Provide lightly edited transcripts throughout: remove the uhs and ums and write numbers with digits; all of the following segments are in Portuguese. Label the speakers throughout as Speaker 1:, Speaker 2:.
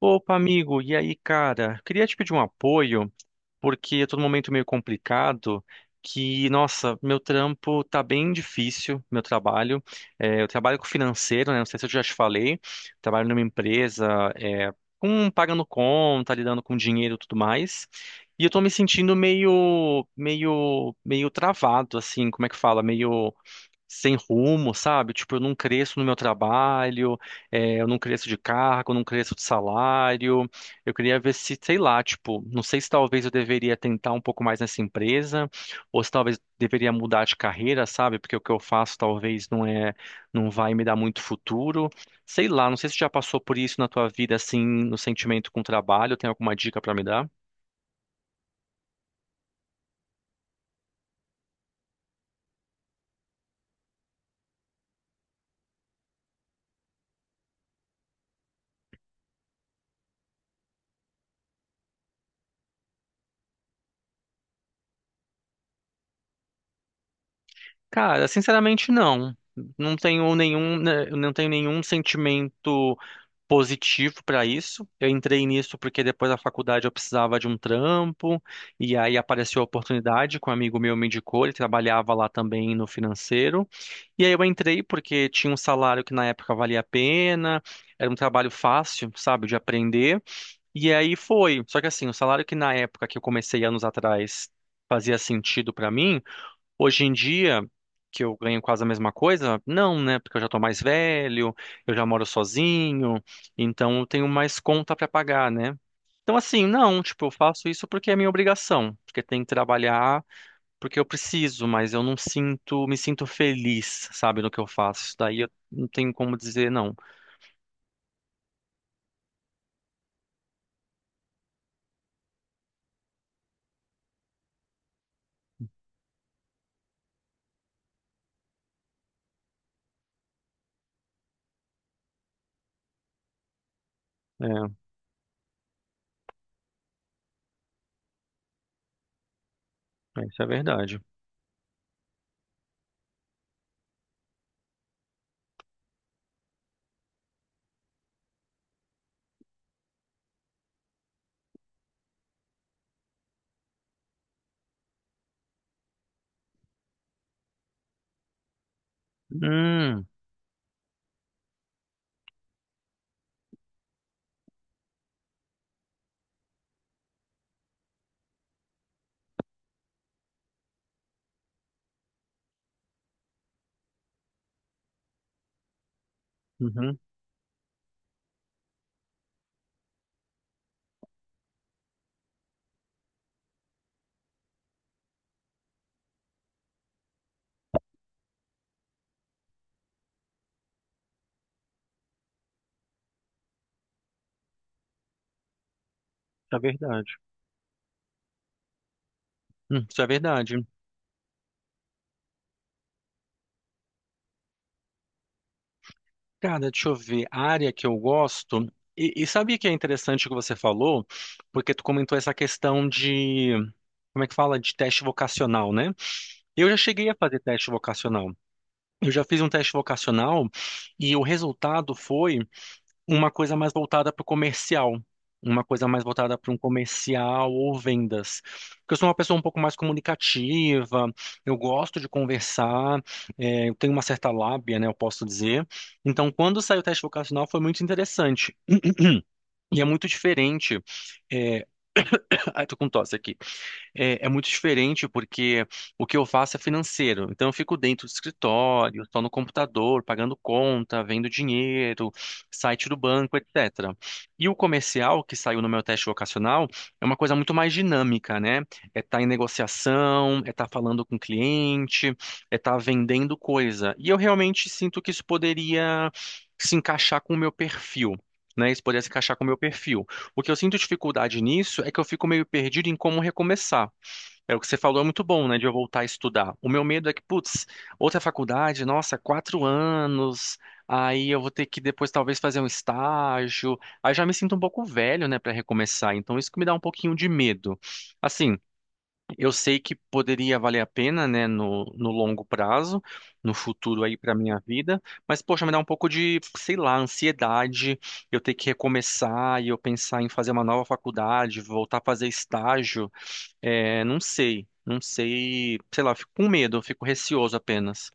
Speaker 1: Opa, amigo, e aí, cara? Queria te pedir um apoio, porque eu tô num momento meio complicado, que, nossa, meu trampo tá bem difícil, meu trabalho. É, eu trabalho com financeiro, né? Não sei se eu já te falei. Trabalho numa empresa, é, com pagando conta, lidando com dinheiro e tudo mais. E eu tô me sentindo meio travado, assim, como é que fala? Meio sem rumo, sabe? Tipo, eu não cresço no meu trabalho, eu não cresço de cargo, eu não cresço de salário. Eu queria ver se, sei lá, tipo, não sei se talvez eu deveria tentar um pouco mais nessa empresa, ou se talvez deveria mudar de carreira, sabe? Porque o que eu faço talvez não vai me dar muito futuro. Sei lá, não sei se já passou por isso na tua vida, assim, no sentimento com o trabalho, tem alguma dica pra me dar? Cara, sinceramente não. Não tenho nenhum, né, eu não tenho nenhum sentimento positivo para isso. Eu entrei nisso porque depois da faculdade eu precisava de um trampo, e aí apareceu a oportunidade, que um amigo meu me indicou, ele trabalhava lá também no financeiro. E aí eu entrei porque tinha um salário que na época valia a pena, era um trabalho fácil, sabe, de aprender. E aí foi. Só que assim, o salário que na época que eu comecei anos atrás fazia sentido para mim. Hoje em dia, que eu ganho quase a mesma coisa, não, né? Porque eu já tô mais velho, eu já moro sozinho, então eu tenho mais conta pra pagar, né? Então, assim, não, tipo, eu faço isso porque é minha obrigação, porque tem que trabalhar, porque eu preciso, mas eu não sinto, me sinto feliz, sabe, no que eu faço. Isso. Daí eu não tenho como dizer não. É, é, isso é verdade. Hum, uhum, isso é verdade. Isso é verdade. Cara, deixa eu ver. A área que eu gosto. E sabia que é interessante o que você falou? Porque tu comentou essa questão de. Como é que fala? De teste vocacional, né? Eu já cheguei a fazer teste vocacional. Eu já fiz um teste vocacional e o resultado foi uma coisa mais voltada para o comercial, uma coisa mais voltada para um comercial ou vendas. Porque eu sou uma pessoa um pouco mais comunicativa, eu gosto de conversar, eu tenho uma certa lábia, né, eu posso dizer. Então, quando saiu o teste vocacional foi muito interessante. E é muito diferente. É... Ai, tô com tosse aqui. É muito diferente porque o que eu faço é financeiro. Então eu fico dentro do escritório, estou no computador, pagando conta, vendo dinheiro, site do banco, etc. E o comercial, que saiu no meu teste vocacional, é uma coisa muito mais dinâmica, né? É estar em negociação, é estar falando com o cliente, é estar vendendo coisa. E eu realmente sinto que isso poderia se encaixar com o meu perfil. Né, isso poderia se encaixar com o meu perfil. O que eu sinto dificuldade nisso é que eu fico meio perdido em como recomeçar. É o que você falou, é muito bom, né, de eu voltar a estudar. O meu medo é que, putz, outra faculdade, nossa, quatro anos, aí eu vou ter que depois talvez fazer um estágio. Aí já me sinto um pouco velho, né, para recomeçar. Então isso que me dá um pouquinho de medo. Assim, eu sei que poderia valer a pena, né, no longo prazo, no futuro aí para minha vida, mas poxa, me dá um pouco de, sei lá, ansiedade, eu ter que recomeçar e eu pensar em fazer uma nova faculdade, voltar a fazer estágio, não sei, não sei, sei lá, eu fico com medo, eu fico receoso apenas.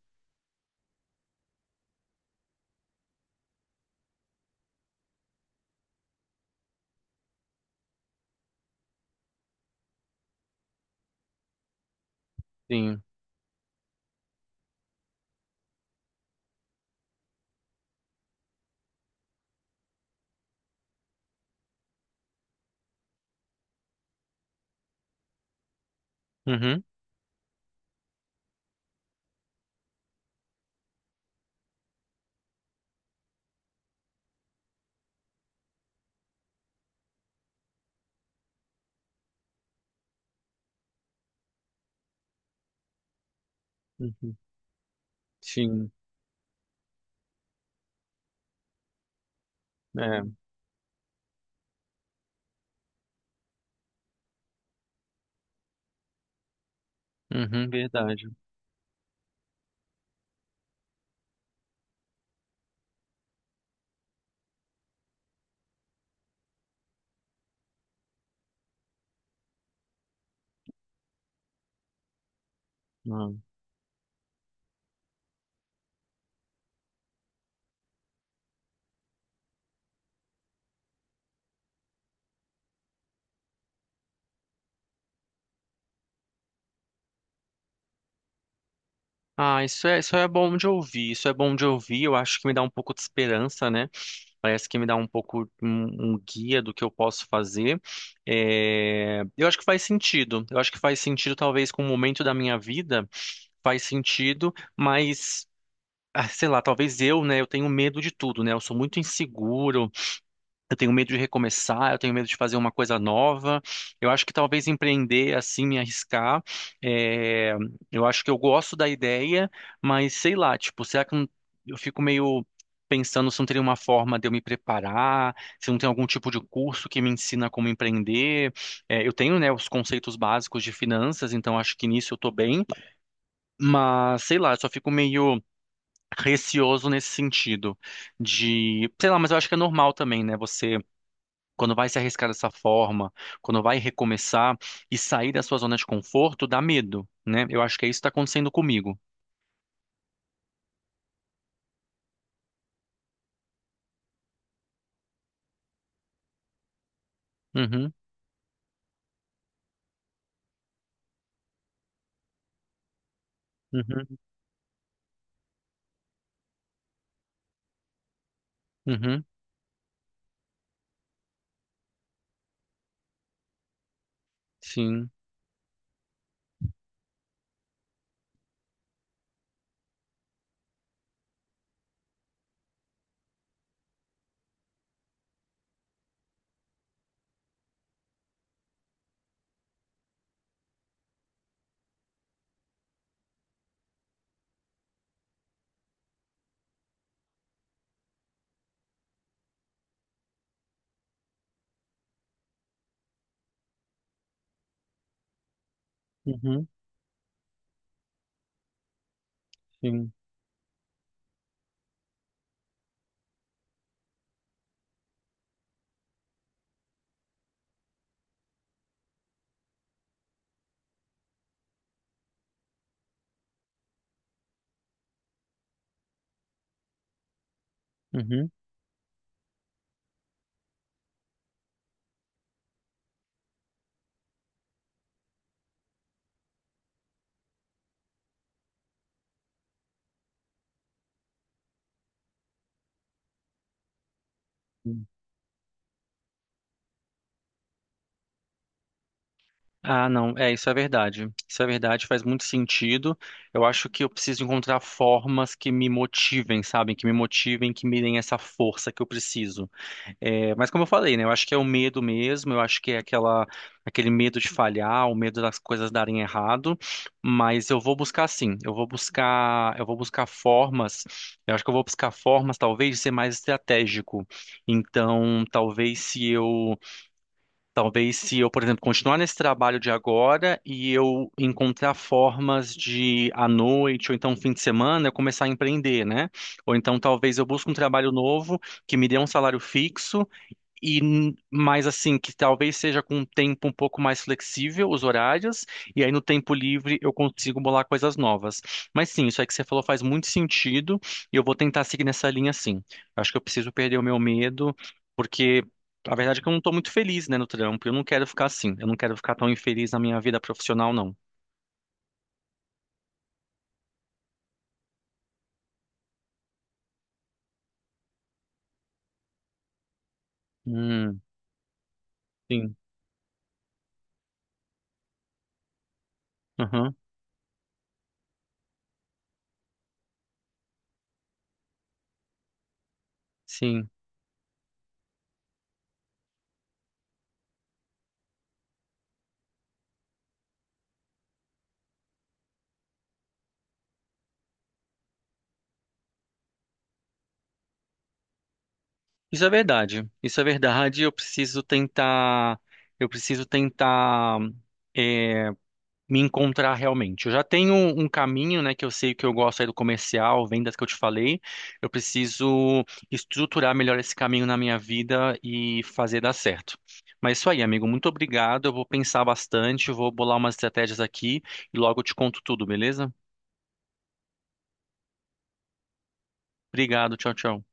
Speaker 1: Sim. Uhum. Uhum. Sim. É. Uhum, verdade. Não. Ah, isso é bom de ouvir, isso é bom de ouvir, eu acho que me dá um pouco de esperança, né? Parece que me dá um pouco um, um guia do que eu posso fazer. É, eu acho que faz sentido. Eu acho que faz sentido, talvez, com o momento da minha vida, faz sentido, mas. Ah, sei lá, talvez eu, né? Eu tenho medo de tudo, né? Eu sou muito inseguro. Eu tenho medo de recomeçar, eu tenho medo de fazer uma coisa nova. Eu acho que talvez empreender assim, me arriscar. é, Eu acho que eu gosto da ideia, mas sei lá, tipo, será que não- eu fico meio pensando se não teria uma forma de eu me preparar, se não tem algum tipo de curso que me ensina como empreender. É, eu tenho, né, os conceitos básicos de finanças, então acho que nisso eu tô bem, mas sei lá, eu só fico meio receoso nesse sentido de, sei lá, mas eu acho que é normal também, né? Você quando vai se arriscar dessa forma, quando vai recomeçar e sair da sua zona de conforto, dá medo, né? Eu acho que é isso que está acontecendo comigo. Uhum, uhum, uhum, sim, uhum, sim, uhum. Sim. Ah, não, é, isso é verdade. Isso é verdade, faz muito sentido. Eu acho que eu preciso encontrar formas que me motivem, sabem? Que me motivem, que me deem essa força que eu preciso. É, mas como eu falei, né? Eu acho que é o medo mesmo, eu acho que é aquela, aquele medo de falhar, o medo das coisas darem errado, mas eu vou buscar sim, eu vou buscar formas, eu acho que eu vou buscar formas talvez de ser mais estratégico. Então, talvez se eu, por exemplo, continuar nesse trabalho de agora e eu encontrar formas de à noite ou então fim de semana eu começar a empreender, né? Ou então talvez eu busque um trabalho novo que me dê um salário fixo e mais assim, que talvez seja com um tempo um pouco mais flexível os horários, e aí no tempo livre eu consigo bolar coisas novas. Mas sim, isso aí que você falou faz muito sentido, e eu vou tentar seguir nessa linha sim. Acho que eu preciso perder o meu medo, porque a verdade é que eu não estou muito feliz, né, no trampo. Eu não quero ficar assim, eu não quero ficar tão infeliz na minha vida profissional, não. Hum, sim. Aham, sim. Isso é verdade. Isso é verdade. Eu preciso tentar. Eu preciso tentar eh, me encontrar realmente. Eu já tenho um caminho, né, que eu sei que eu gosto aí do comercial, vendas que eu te falei. Eu preciso estruturar melhor esse caminho na minha vida e fazer dar certo. Mas é isso aí, amigo. Muito obrigado. Eu vou pensar bastante, vou bolar umas estratégias aqui e logo eu te conto tudo, beleza? Obrigado. Tchau, tchau.